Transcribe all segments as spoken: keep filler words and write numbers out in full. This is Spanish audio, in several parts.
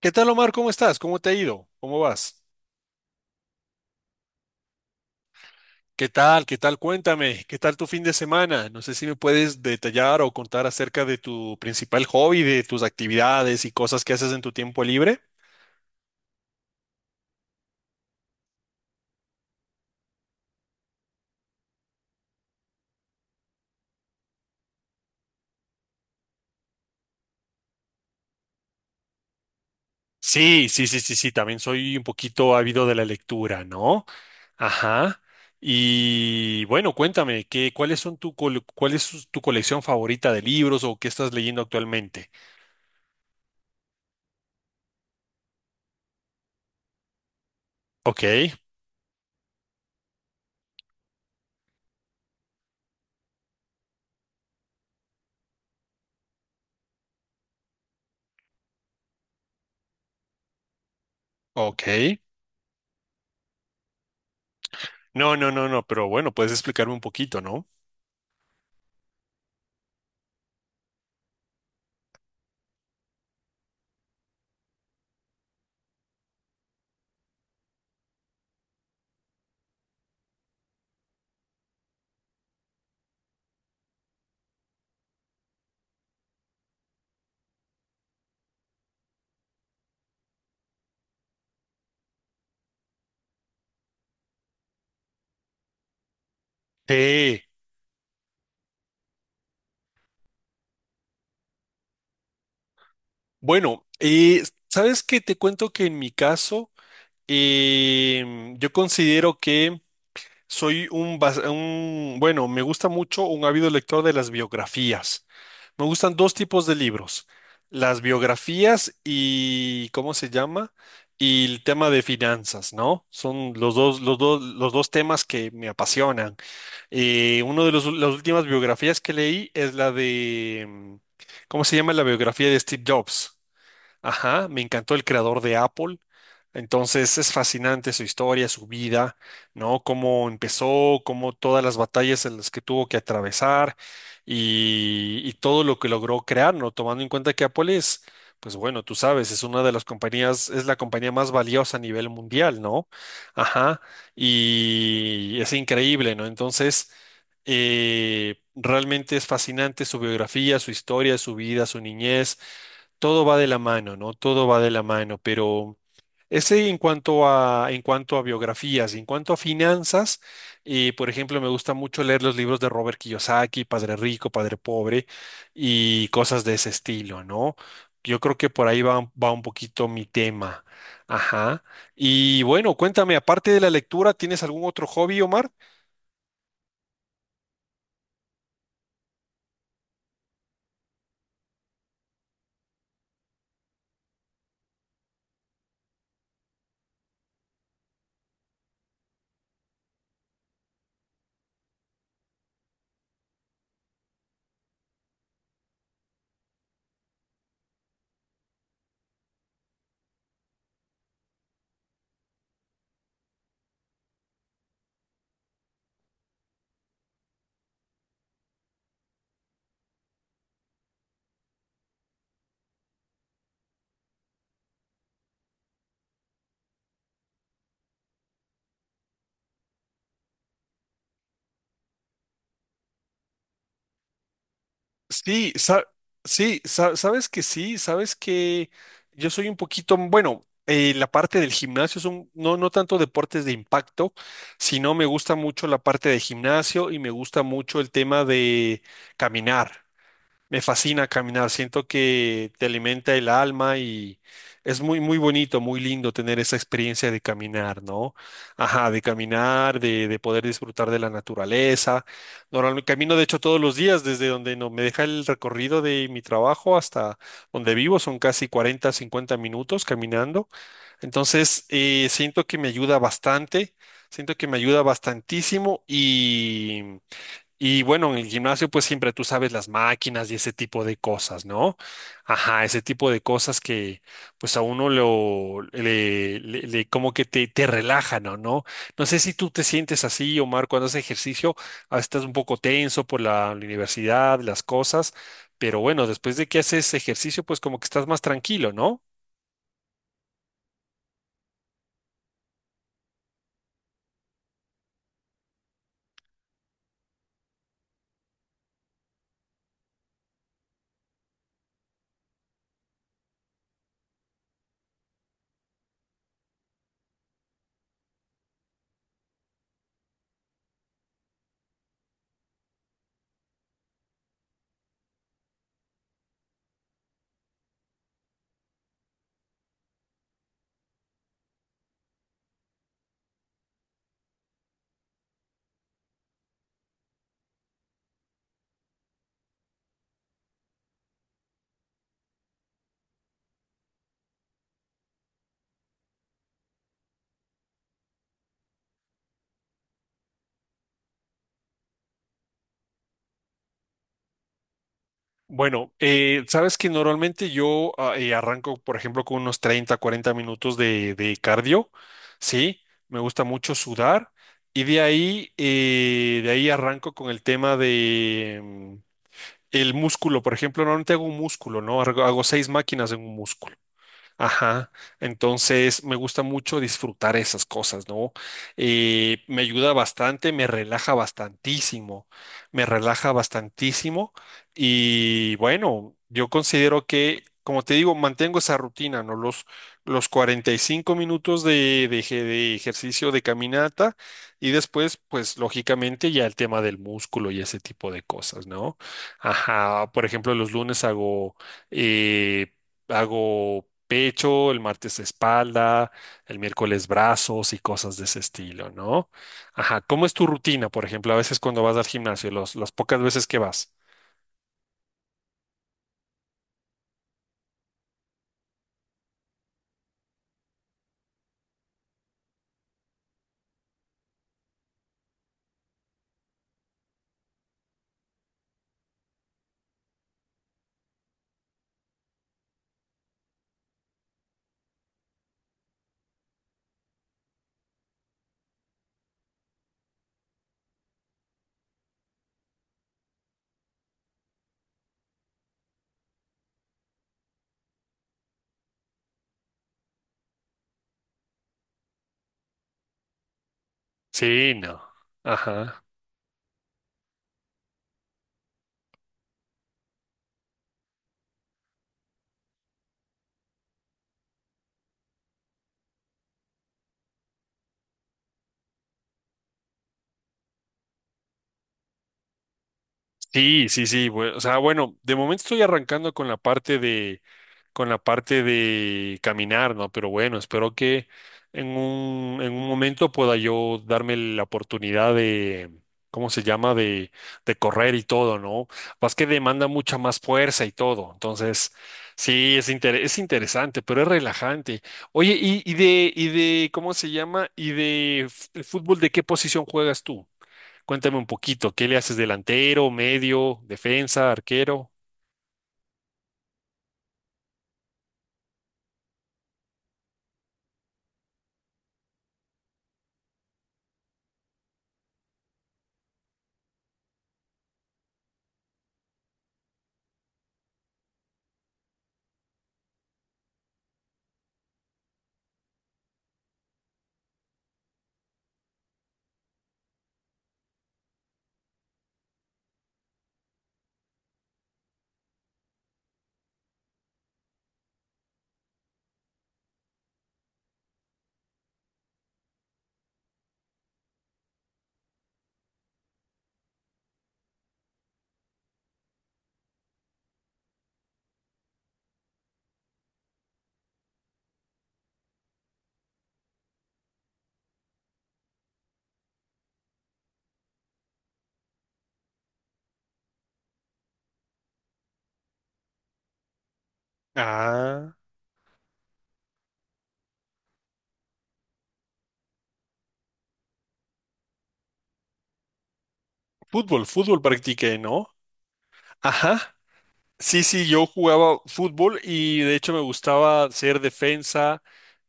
¿Qué tal, Omar? ¿Cómo estás? ¿Cómo te ha ido? ¿Cómo vas? ¿Qué tal? ¿Qué tal? Cuéntame. ¿Qué tal tu fin de semana? No sé si me puedes detallar o contar acerca de tu principal hobby, de tus actividades y cosas que haces en tu tiempo libre. Sí, sí, sí, sí, sí. También soy un poquito ávido de la lectura, ¿no? Ajá. Y bueno, cuéntame, ¿qué, cuáles son tu col- cuál es su- tu colección favorita de libros o qué estás leyendo actualmente? Ok, ok. No, no, no, no, pero bueno, puedes explicarme un poquito, ¿no? Sí. Bueno, eh, ¿sabes qué? Te cuento que en mi caso, em, yo considero que Soy un, bas- un- bueno, me gusta mucho, un ávido lector de las biografías. Me gustan dos tipos de libros, las biografías y, ¿cómo se llama? Y el tema de finanzas, ¿no? Son los dos, los dos, los dos temas que me apasionan. Eh, uno de los- las últimas biografías que leí es la de, mm, ¿cómo se llama? La biografía de Steve Jobs. Ajá, me encantó, el creador de Apple. Entonces es fascinante su historia, su vida, ¿no? Cómo empezó, cómo todas las batallas en las que tuvo que atravesar y, y todo lo que logró crear, ¿no? Tomando en cuenta que Apple es, pues bueno, tú sabes, es una de las compañías, es la compañía más valiosa a nivel mundial, ¿no? Ajá, y es increíble, ¿no? Entonces, eh, realmente es fascinante su biografía, su historia, su vida, su niñez. Todo va de la mano, ¿no? Todo va de la mano, pero ese, en cuanto a, en cuanto a biografías, en cuanto a finanzas, eh, por ejemplo, me gusta mucho leer los libros de Robert Kiyosaki, Padre Rico, Padre Pobre, y cosas de ese estilo, ¿no? Yo creo que por ahí va, va un poquito mi tema. Ajá. Y bueno, cuéntame, aparte de la lectura, ¿tienes algún otro hobby, Omar? Sí, sa- sí, sa- sabes que sí, sabes que yo soy un poquito, bueno, eh, la parte del gimnasio, son no, no tanto deportes de impacto, sino me gusta mucho la parte de gimnasio y me gusta mucho el tema de caminar. Me fascina caminar, siento que te alimenta el alma y es muy, muy bonito, muy lindo tener esa experiencia de caminar, ¿no? Ajá, de caminar, de, de poder disfrutar de la naturaleza. Normalmente camino, de hecho, todos los días desde donde no me deja el recorrido de mi trabajo hasta donde vivo, son casi cuarenta, cincuenta minutos caminando. Entonces, eh, siento que me ayuda bastante, siento que me ayuda bastantísimo, y bueno, en el gimnasio pues siempre tú sabes, las máquinas y ese tipo de cosas, ¿no? Ajá, ese tipo de cosas que pues a uno lo, le, le- le- como que te, te relajan, ¿o ¿no? No sé si tú te sientes así, Omar, cuando haces ejercicio, ah, estás un poco tenso por la universidad, las cosas, pero bueno, después de que haces ejercicio, pues como que estás más tranquilo, ¿no? Bueno, eh, sabes que normalmente yo, ah, eh, arranco, por ejemplo, con unos treinta, cuarenta minutos de, de cardio, ¿sí? Me gusta mucho sudar, y de ahí, eh, de ahí arranco con el tema de, mm, el músculo, por ejemplo, normalmente hago un músculo, ¿no? Hago hago seis máquinas en un músculo. Ajá, entonces me gusta mucho disfrutar esas cosas, ¿no? Eh, me ayuda bastante, me relaja bastantísimo, me relaja bastantísimo, y bueno, yo considero que, como te digo, mantengo esa rutina, ¿no? Los, los cuarenta y cinco minutos de, de eje- de ejercicio, de caminata, y después, pues lógicamente ya el tema del músculo y ese tipo de cosas, ¿no? Ajá, por ejemplo, los lunes hago... eh, hago pecho, el martes espalda, el miércoles brazos y cosas de ese estilo, ¿no? Ajá, ¿cómo es tu rutina, por ejemplo, a veces cuando vas al gimnasio, los, las pocas veces que vas? Sí, no. Ajá. Sí, sí, sí. Bue- o sea, bueno, de momento estoy arrancando con la parte de, con la parte de caminar, ¿no? Pero bueno, espero que en un, en un momento pueda yo darme la oportunidad de, ¿cómo se llama? De, de correr y todo, ¿no? Más que demanda mucha más fuerza y todo. Entonces, sí, es, inter- es interesante, pero es relajante. Oye, y, y de, y de, ¿cómo se llama? Y de f- fútbol, ¿de qué posición juegas tú? Cuéntame un poquito, ¿qué le haces, delantero, medio, defensa, arquero? Ah, fútbol, fútbol practiqué, ¿no? Ajá. Sí, sí, yo jugaba fútbol y de hecho me gustaba ser defensa,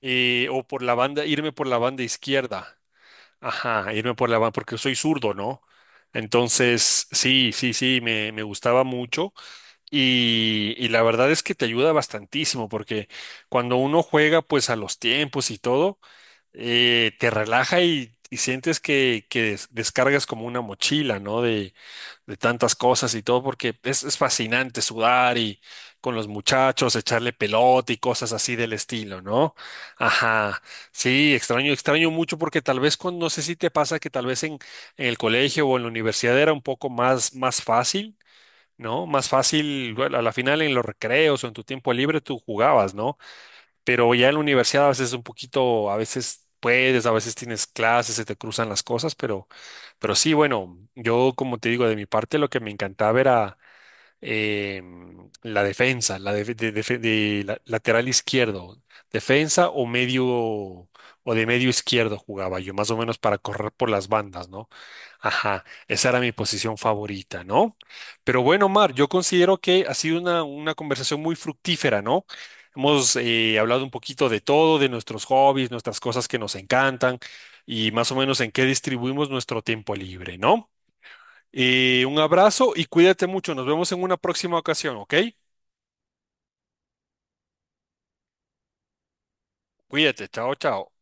eh, o por la banda, irme por la banda izquierda. Ajá, irme por la banda, porque soy zurdo, ¿no? Entonces, sí, sí, sí, me, me gustaba mucho, y, y la verdad es que te ayuda bastantísimo porque cuando uno juega pues a los tiempos y todo, eh, te relaja, y, y sientes que, que des- descargas como una mochila, ¿no? De, de tantas cosas y todo, porque es, es fascinante sudar y con los muchachos, echarle pelota y cosas así del estilo, ¿no? Ajá, sí, extraño, extraño mucho porque tal vez con, no sé si te pasa que tal vez en, en el colegio o en la universidad era un poco más, más fácil. ¿No? Más fácil, bueno, a la final en los recreos o en tu tiempo libre tú jugabas, ¿no? Pero ya en la universidad a veces es un poquito, a veces puedes, a veces tienes clases, se te cruzan las cosas, pero, pero sí, bueno, yo como te digo, de mi parte lo que me encantaba era eh, la defensa, la def- de, def- de la- lateral izquierdo, defensa o medio, o de medio izquierdo jugaba yo, más o menos para correr por las bandas, ¿no? Ajá, esa era mi posición favorita, ¿no? Pero bueno, Mar, yo considero que ha sido una, una conversación muy fructífera, ¿no? Hemos eh, hablado un poquito de todo, de nuestros hobbies, nuestras cosas que nos encantan y más o menos en qué distribuimos nuestro tiempo libre, ¿no? Y un abrazo y cuídate mucho. Nos vemos en una próxima ocasión, ¿ok? Cuídate. Chao, chao.